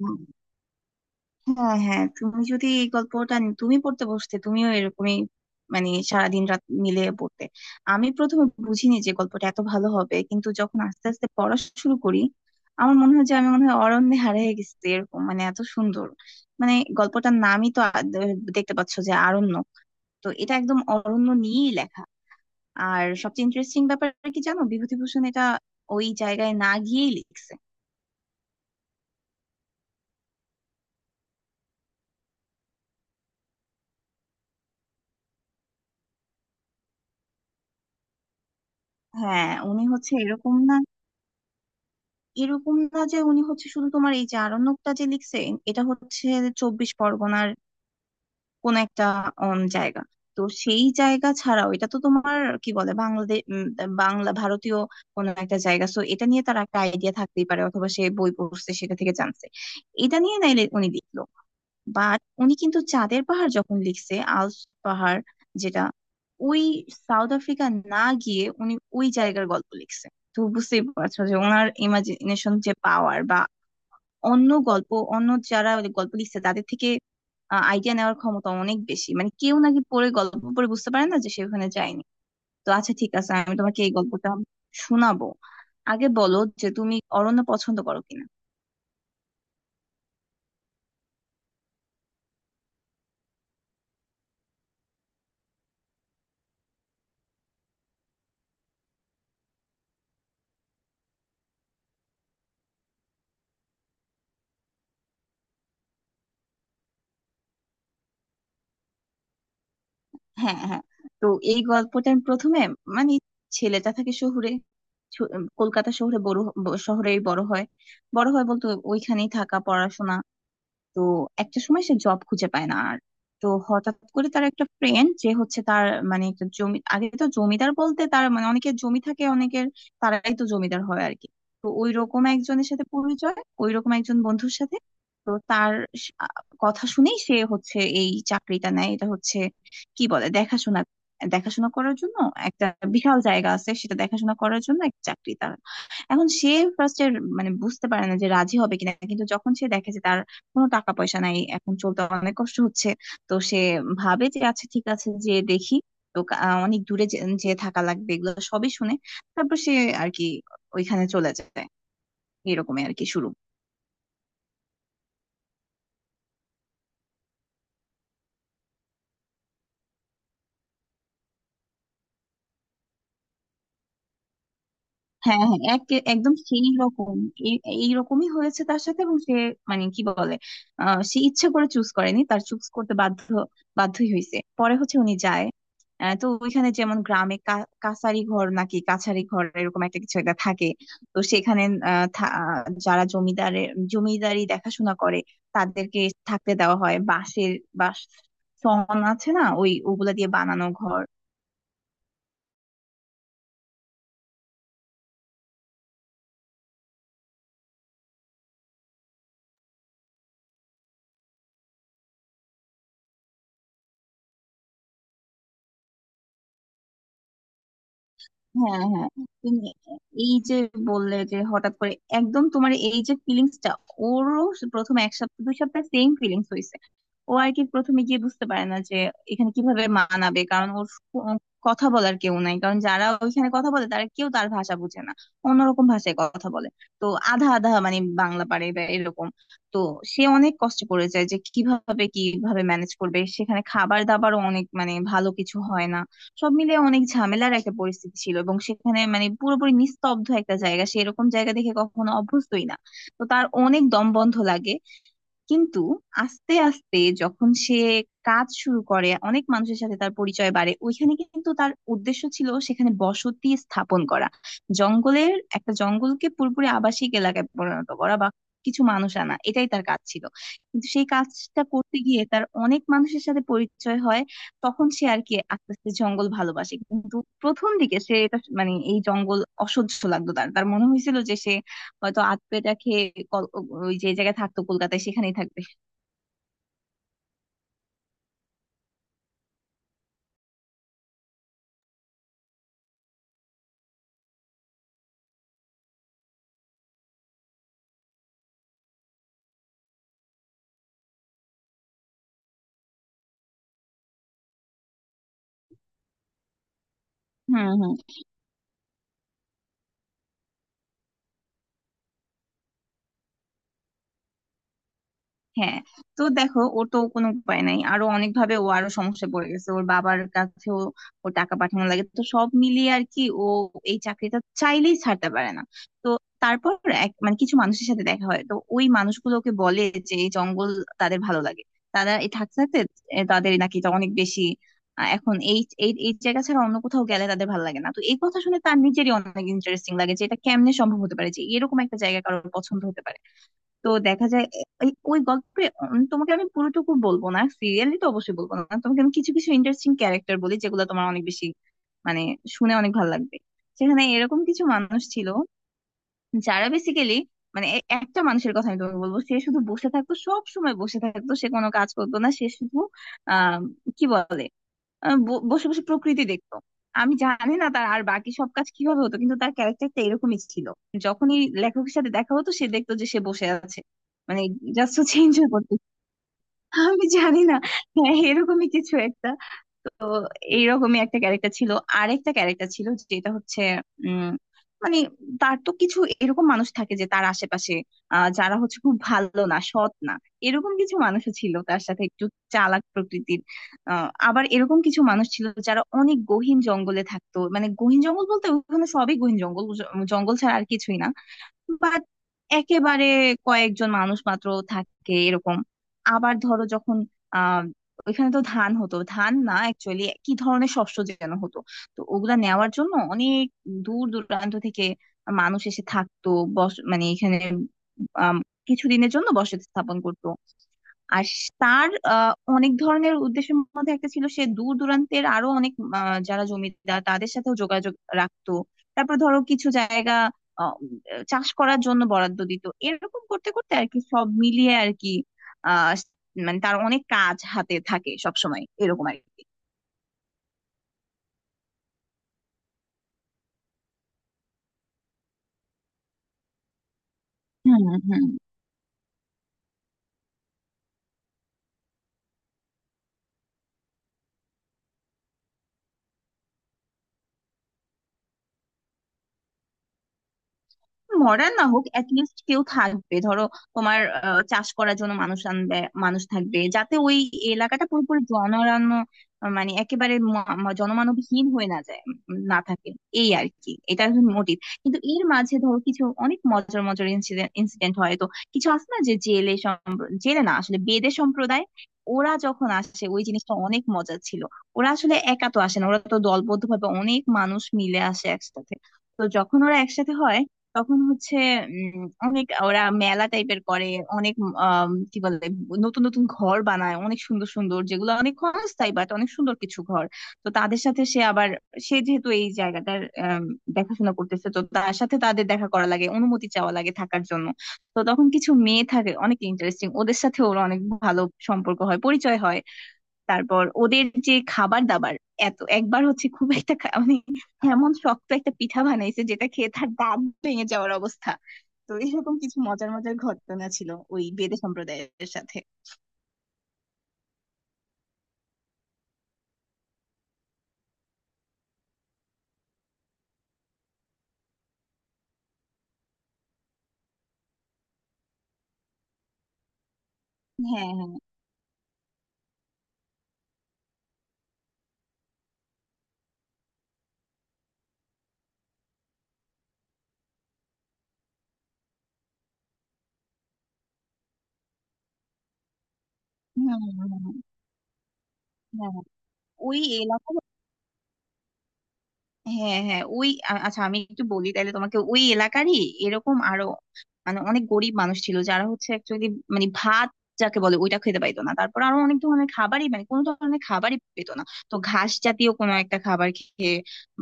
উম, হ্যাঁ হ্যাঁ, তুমি যদি এই গল্পটা তুমি পড়তে বসতে, তুমিও এরকমই, মানে সারাদিন রাত মিলে পড়তে। আমি প্রথমে বুঝিনি যে গল্পটা এত ভালো হবে, কিন্তু যখন আস্তে আস্তে পড়া শুরু করি, আমার মনে হয় যে আমি মনে হয় অরণ্যে হারিয়ে গেছি, এরকম মানে এত সুন্দর। মানে গল্পটার নামই তো দেখতে পাচ্ছ যে আরণ্য, তো এটা একদম অরণ্য নিয়েই লেখা। আর সবচেয়ে ইন্টারেস্টিং ব্যাপার কি জানো, বিভূতিভূষণ এটা ওই জায়গায় না গিয়েই লিখছে। হ্যাঁ, উনি হচ্ছে এরকম না। এরকম না যে উনি হচ্ছে শুধু তোমার এই যে আরণ্যকটা যে লিখছে, এটা হচ্ছে চব্বিশ পরগনার কোন একটা জায়গা। তো সেই জায়গা ছাড়াও এটা তো তোমার কি বলে বাংলাদেশ, বাংলা ভারতীয় কোন একটা জায়গা। সো এটা নিয়ে তার একটা আইডিয়া থাকতেই পারে, অথবা সে বই পড়ছে সেটা থেকে জানছে এটা নিয়ে, নাইলে উনি লিখলো। বাট উনি কিন্তু চাঁদের পাহাড় যখন লিখছে, আল্পস পাহাড় যেটা ওই সাউথ আফ্রিকা, না গিয়ে উনি ওই জায়গার গল্প লিখছে। তো বুঝতেই পারছো যে ওনার ইমাজিনেশন যে পাওয়ার, বা অন্য গল্প, অন্য যারা গল্প লিখছে তাদের থেকে আইডিয়া নেওয়ার ক্ষমতা অনেক বেশি। মানে কেউ নাকি পড়ে গল্প পড়ে বুঝতে পারে না যে সে ওখানে যায়নি। তো আচ্ছা ঠিক আছে, আমি তোমাকে এই গল্পটা শোনাবো, আগে বলো যে তুমি অরণ্য পছন্দ করো কিনা। হ্যাঁ হ্যাঁ। তো এই গল্পটার প্রথমে মানে ছেলেটা থাকে শহুরে, ছ- কলকাতা শহরে বড় শহরেই বড় হয়। বড় হয় বলতে ওইখানেই থাকা পড়াশোনা। তো একটা সময় সে জব খুঁজে পায় না আর। তো হঠাৎ করে তার একটা ফ্রেন্ড যে হচ্ছে তার মানে একটা জমি, আগে তো জমিদার বলতে তার মানে অনেকের জমি থাকে অনেকের, তারাই তো জমিদার হয় আর কি। তো ওই রকম একজনের সাথে পরিচয়, ওই রকম একজন বন্ধুর সাথে। তো তার স- আ, কথা শুনেই সে হচ্ছে এই চাকরিটা নেয়। এটা হচ্ছে কি বলে দেখাশোনা, দেখাশোনা করার জন্য একটা বিশাল জায়গা আছে, সেটা দেখাশোনা করার জন্য একটা চাকরি তার। এখন সে ফার্স্টে মানে বুঝতে পারে না যে রাজি হবে কিনা, কিন্তু যখন সে দেখে যে তার কোনো টাকা পয়সা নাই, এখন চলতে অনেক কষ্ট হচ্ছে, তো সে ভাবে যে আচ্ছা ঠিক আছে যে দেখি। তো অনেক দূরে যে যেয়ে থাকা লাগবে এগুলো সবই শুনে তারপর সে আর কি ওইখানে চলে যায়, এরকমই আর কি শুরু। হ্যাঁ হ্যাঁ, এক একদম সেই রকম এইরকমই হয়েছে তার সাথে, এবং সে মানে কি বলে, সে ইচ্ছে করে চুজ করেনি, তার চুজ করতে বাধ্য বাধ্যই হয়েছে, পরে হচ্ছে উনি যায়। তো ওইখানে যেমন গ্রামে কাছারি ঘর নাকি কাছারি ঘর এরকম একটা কিছু একটা থাকে। তো সেখানে আহ, থা- আহ, যারা জমিদারের জমিদারি দেখাশোনা করে, তাদেরকে থাকতে দেওয়া হয় বাঁশের, বাঁশ সন আছে না, ওই ওগুলা দিয়ে বানানো ঘর। হ্যাঁ হ্যাঁ। তুমি এই যে বললে যে হঠাৎ করে একদম তোমার এই যে ফিলিংসটা, ওরও প্রথম এক সপ্তাহ দুই সপ্তাহ সেম ফিলিংস হয়েছে। ও আর কি প্রথমে গিয়ে বুঝতে পারে না যে এখানে কিভাবে মানাবে, কারণ ওর কো- কথা বলার কেউ নাই, কারণ যারা ওইখানে কথা বলে তারা কেউ তার ভাষা বুঝে না, অন্যরকম ভাষায় কথা বলে। তো আধা আধা মানে বাংলা পারে বা এরকম। তো সে অনেক কষ্ট করে যায় যে কিভাবে কিভাবে ম্যানেজ করবে, সেখানে খাবার দাবারও অনেক মানে ভালো কিছু হয় না। সব মিলে অনেক ঝামেলার একটা পরিস্থিতি ছিল, এবং সেখানে মানে পুরোপুরি নিস্তব্ধ একটা জায়গা, সে এরকম জায়গা দেখে কখনো অভ্যস্তই না। তো তার অনেক দম বন্ধ লাগে। কিন্তু আস্তে আস্তে যখন সে কাজ শুরু করে, অনেক মানুষের সাথে তার পরিচয় বাড়ে ওইখানে, কিন্তু তার উদ্দেশ্য ছিল সেখানে বসতি স্থাপন করা, জঙ্গলের একটা জঙ্গলকে পুরোপুরি আবাসিক এলাকায় পরিণত করা বা কিছু মানুষ আনা, এটাই তার কাজ ছিল। কিন্তু সেই কাজটা করতে গিয়ে তার অনেক মানুষের সাথে পরিচয় হয়। তখন সে আর কি আস্তে আস্তে জঙ্গল ভালোবাসে, কিন্তু প্রথম দিকে সে এটা মানে এই জঙ্গল অসহ্য লাগতো তার, তার মনে হয়েছিল যে সে হয়তো আধপেটা খেয়ে কল- ওই যে জায়গায় থাকতো কলকাতায় সেখানেই থাকবে। হুম হুম। হ্যাঁ, তো দেখো ওর তো কোনো উপায় নাই, আরো অনেক ভাবে ও আরো সমস্যায় পড়ে গেছে, ওর বাবার কাছেও ও টাকা পাঠানো লাগে, তো সব মিলিয়ে আর কি ও এই চাকরিটা চাইলেই ছাড়তে পারে না। তো তারপর এক মানে কিছু মানুষের সাথে দেখা হয়, তো ওই মানুষগুলোকে বলে যে এই জঙ্গল তাদের ভালো লাগে। তারা এই থাকতে থাকতে তাদের নাকি এটা অনেক বেশি এখন এই এই এই জায়গা ছাড়া অন্য কোথাও গেলে তাদের ভালো লাগে না। তো এই কথা শুনে তার নিজেরই অনেক ইন্টারেস্টিং লাগে যে এটা কেমনে সম্ভব হতে পারে যে এরকম একটা জায়গা কারোর পছন্দ হতে পারে। তো দেখা যায় ওই গল্পে তোমাকে আমি পুরোটুকু বলবো না, সিরিয়ালি তো অবশ্যই বলবো না। তোমাকে আমি কিছু কিছু ইন্টারেস্টিং ক্যারেক্টার বলি যেগুলো তোমার অনেক বেশি মানে শুনে অনেক ভালো লাগবে। সেখানে এরকম কিছু মানুষ ছিল যারা বেসিক্যালি মানে একটা মানুষের কথা আমি তোমাকে বলবো। সে শুধু বসে থাকতো, সব সময় বসে থাকতো, সে কোনো কাজ করতো না, সে শুধু আহ কি বলে আহ ব- বসে বসে প্রকৃতি দেখতো। আমি জানি না তার আর বাকি সব কাজ কিভাবে হতো, কিন্তু তার ক্যারেক্টারটা এরকমই ছিল। যখনই লেখকের সাথে দেখা হতো সে দেখতো যে সে বসে আছে, মানে জাস্ট চেঞ্জ হয়ে পড়তো। আমি জানি না, হ্যাঁ এরকমই কিছু একটা। তো এইরকমই একটা ক্যারেক্টার ছিল। আরেকটা ক্যারেক্টার ছিল যেটা হচ্ছে উম মানে, তার তো কিছু এরকম মানুষ থাকে যে তার আশেপাশে, যারা হচ্ছে খুব ভালো না সৎ না। এরকম কিছু মানুষও ছিল তার সাথে একটু চালাক প্রকৃতির। আবার এরকম কিছু মানুষ ছিল যারা অনেক গহীন জঙ্গলে থাকতো, মানে গহীন জঙ্গল বলতে ওখানে সবই গহীন জঙ্গল, জঙ্গল ছাড়া আর কিছুই না। বাট একেবারে কয়েকজন মানুষ মাত্র থাকে এরকম। আবার ধরো যখন আহ ওইখানে তো ধান হতো, ধান না অ্যাকচুয়ালি কি ধরনের শস্য যেন হতো। তো ওগুলা নেওয়ার জন্য অনেক দূর দূরান্ত থেকে মানুষ এসে থাকতো। বস মানে এখানে আম, কিছুদিনের জন্য বসতি স্থাপন করতো। আর তার অনেক ধরনের উদ্দেশ্যের মধ্যে একটা ছিল সে দূর দূরান্তের আরো অনেক যারা জমিদার তাদের সাথেও যোগাযোগ রাখতো। তারপর ধরো কিছু জায়গা আহ, উম, চাষ করার জন্য বরাদ্দ দিত, এরকম করতে করতে আর কি সব মিলিয়ে আর কি আহ মানে তার অনেক কাজ হাতে থাকে সব সময় এরকম আর কি। হুম হুম। মরা না হোক, লিস্ট কেউ থাকবে ধরো, তোমার চাষ করার জন্য মানুষ আনবে, মানুষ থাকবে যাতে ওই এলাকাটা পুরোপুরি জনরান্য, মানে একেবারে জনমানবহীন হয়ে না যায়, না থাকে। এই আর কি এটা মোটিভ। কিন্তু এর মাঝে ধরো কিছু অনেক মজার মজার ইনসিডেন্ট ইনসিডেন্ট হয়। তো কিছু আছে না যে জেলে জেলে না আসলে বেদে সম্প্রদায়, ওরা যখন আসে ওই জিনিসটা অনেক মজা ছিল। ওরা আসলে একা তো আসে না, ওরা তো দলবদ্ধ ভাবে অনেক মানুষ মিলে আসে একসাথে। তো যখন ওরা একসাথে হয় তখন হচ্ছে উম, অনেক ওরা মেলা টাইপের করে, অনেক আম, কি বলে নতুন নতুন ঘর বানায় অনেক সুন্দর সুন্দর, যেগুলো অনেক ক্ষণস্থায়ী বাট অনেক সুন্দর কিছু ঘর। তো তাদের সাথে সে আবার, সে যেহেতু এই জায়গাটার দেখাশোনা করতেছে, তো তার সাথে তাদের দেখা করা লাগে, অনুমতি চাওয়া লাগে থাকার জন্য। তো তখন কিছু মেয়ে থাকে অনেক ইন্টারেস্টিং, ওদের সাথে ওর অনেক ভালো সম্পর্ক হয় পরিচয় হয়। তারপর ওদের যে খাবার দাবার, এত একবার হচ্ছে খুব একটা মানে এমন শক্ত একটা পিঠা বানাইছে যেটা খেয়ে তার দাঁত ভেঙে যাওয়ার অবস্থা। তো এরকম কিছু মজার মজার ঘটনা ছিল ওই বেদে সম্প্রদায়ের সাথে। হ্যাঁ হ্যাঁ। হম হম হম। হ্যাঁ ওই এলাকার। হ্যাঁ হ্যাঁ ওই আচ্ছা আমি একটু বলি তাহলে তোমাকে, ওই এলাকারই এরকম আরো মানে অনেক গরিব মানুষ ছিল যারা হচ্ছে অ্যাকচুয়ালি মানে ভাত যাকে বলে ওইটা খেতে পাইতো না, তারপর আরো অনেক ধরনের খাবারই মানে কোনো ধরনের খাবারই পেতো না। তো ঘাস জাতীয় কোনো একটা খাবার খেয়ে,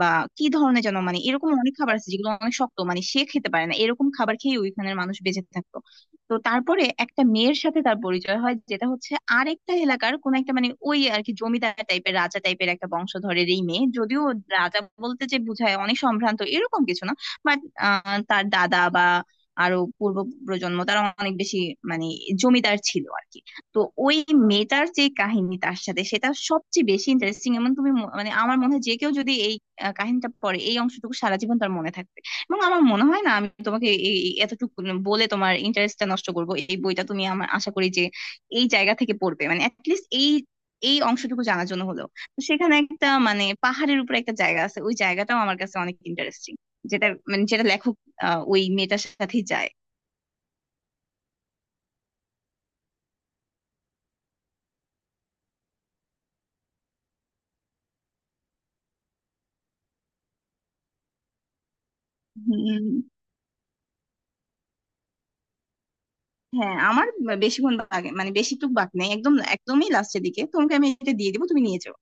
বা কি ধরনের যেন মানে এরকম অনেক খাবার আছে যেগুলো অনেক শক্ত, মানে সে খেতে পারে না, এরকম খাবার খেয়ে ওইখানের মানুষ বেঁচে থাকতো। তো তারপরে একটা মেয়ের সাথে তার পরিচয় হয় যেটা হচ্ছে আরেকটা এলাকার কোন একটা মানে ওই আর কি জমিদার টাইপের রাজা টাইপের একটা বংশধরের এই মেয়ে, যদিও রাজা বলতে যে বুঝায় অনেক সম্ভ্রান্ত এরকম কিছু না, বাট তার দাদা বা আরো পূর্ব প্রজন্ম তারা অনেক বেশি মানে জমিদার ছিল আর কি। তো ওই মেয়েটার যে কাহিনী তার সাথে, সেটা সবচেয়ে বেশি ইন্টারেস্টিং। এমন তুমি মানে আমার মনে হয় যে কেউ যদি এই কাহিনীটা পড়ে এই অংশটুকু সারা জীবন তার মনে থাকবে। এবং আমার মনে হয় না আমি তোমাকে এই এই এতটুকু বলে তোমার ইন্টারেস্টটা নষ্ট করব। এই বইটা তুমি আমার আশা করি যে এই জায়গা থেকে পড়বে, মানে অ্যাটলিস্ট এই এই অংশটুকু জানার জন্য হলো। তো সেখানে একটা মানে পাহাড়ের উপরে একটা জায়গা আছে, ওই জায়গাটাও আমার কাছে অনেক ইন্টারেস্টিং, যেটা মানে যেটা লেখক ওই মেয়েটার সাথেই যায়। উম, হ্যাঁ আমার বেশিক্ষণ বাকি মানে বেশিটুকু বাকি নেই, একদম একদমই লাস্টের দিকে, তোমাকে আমি এটা দিয়ে দিবো তুমি নিয়ে যাও।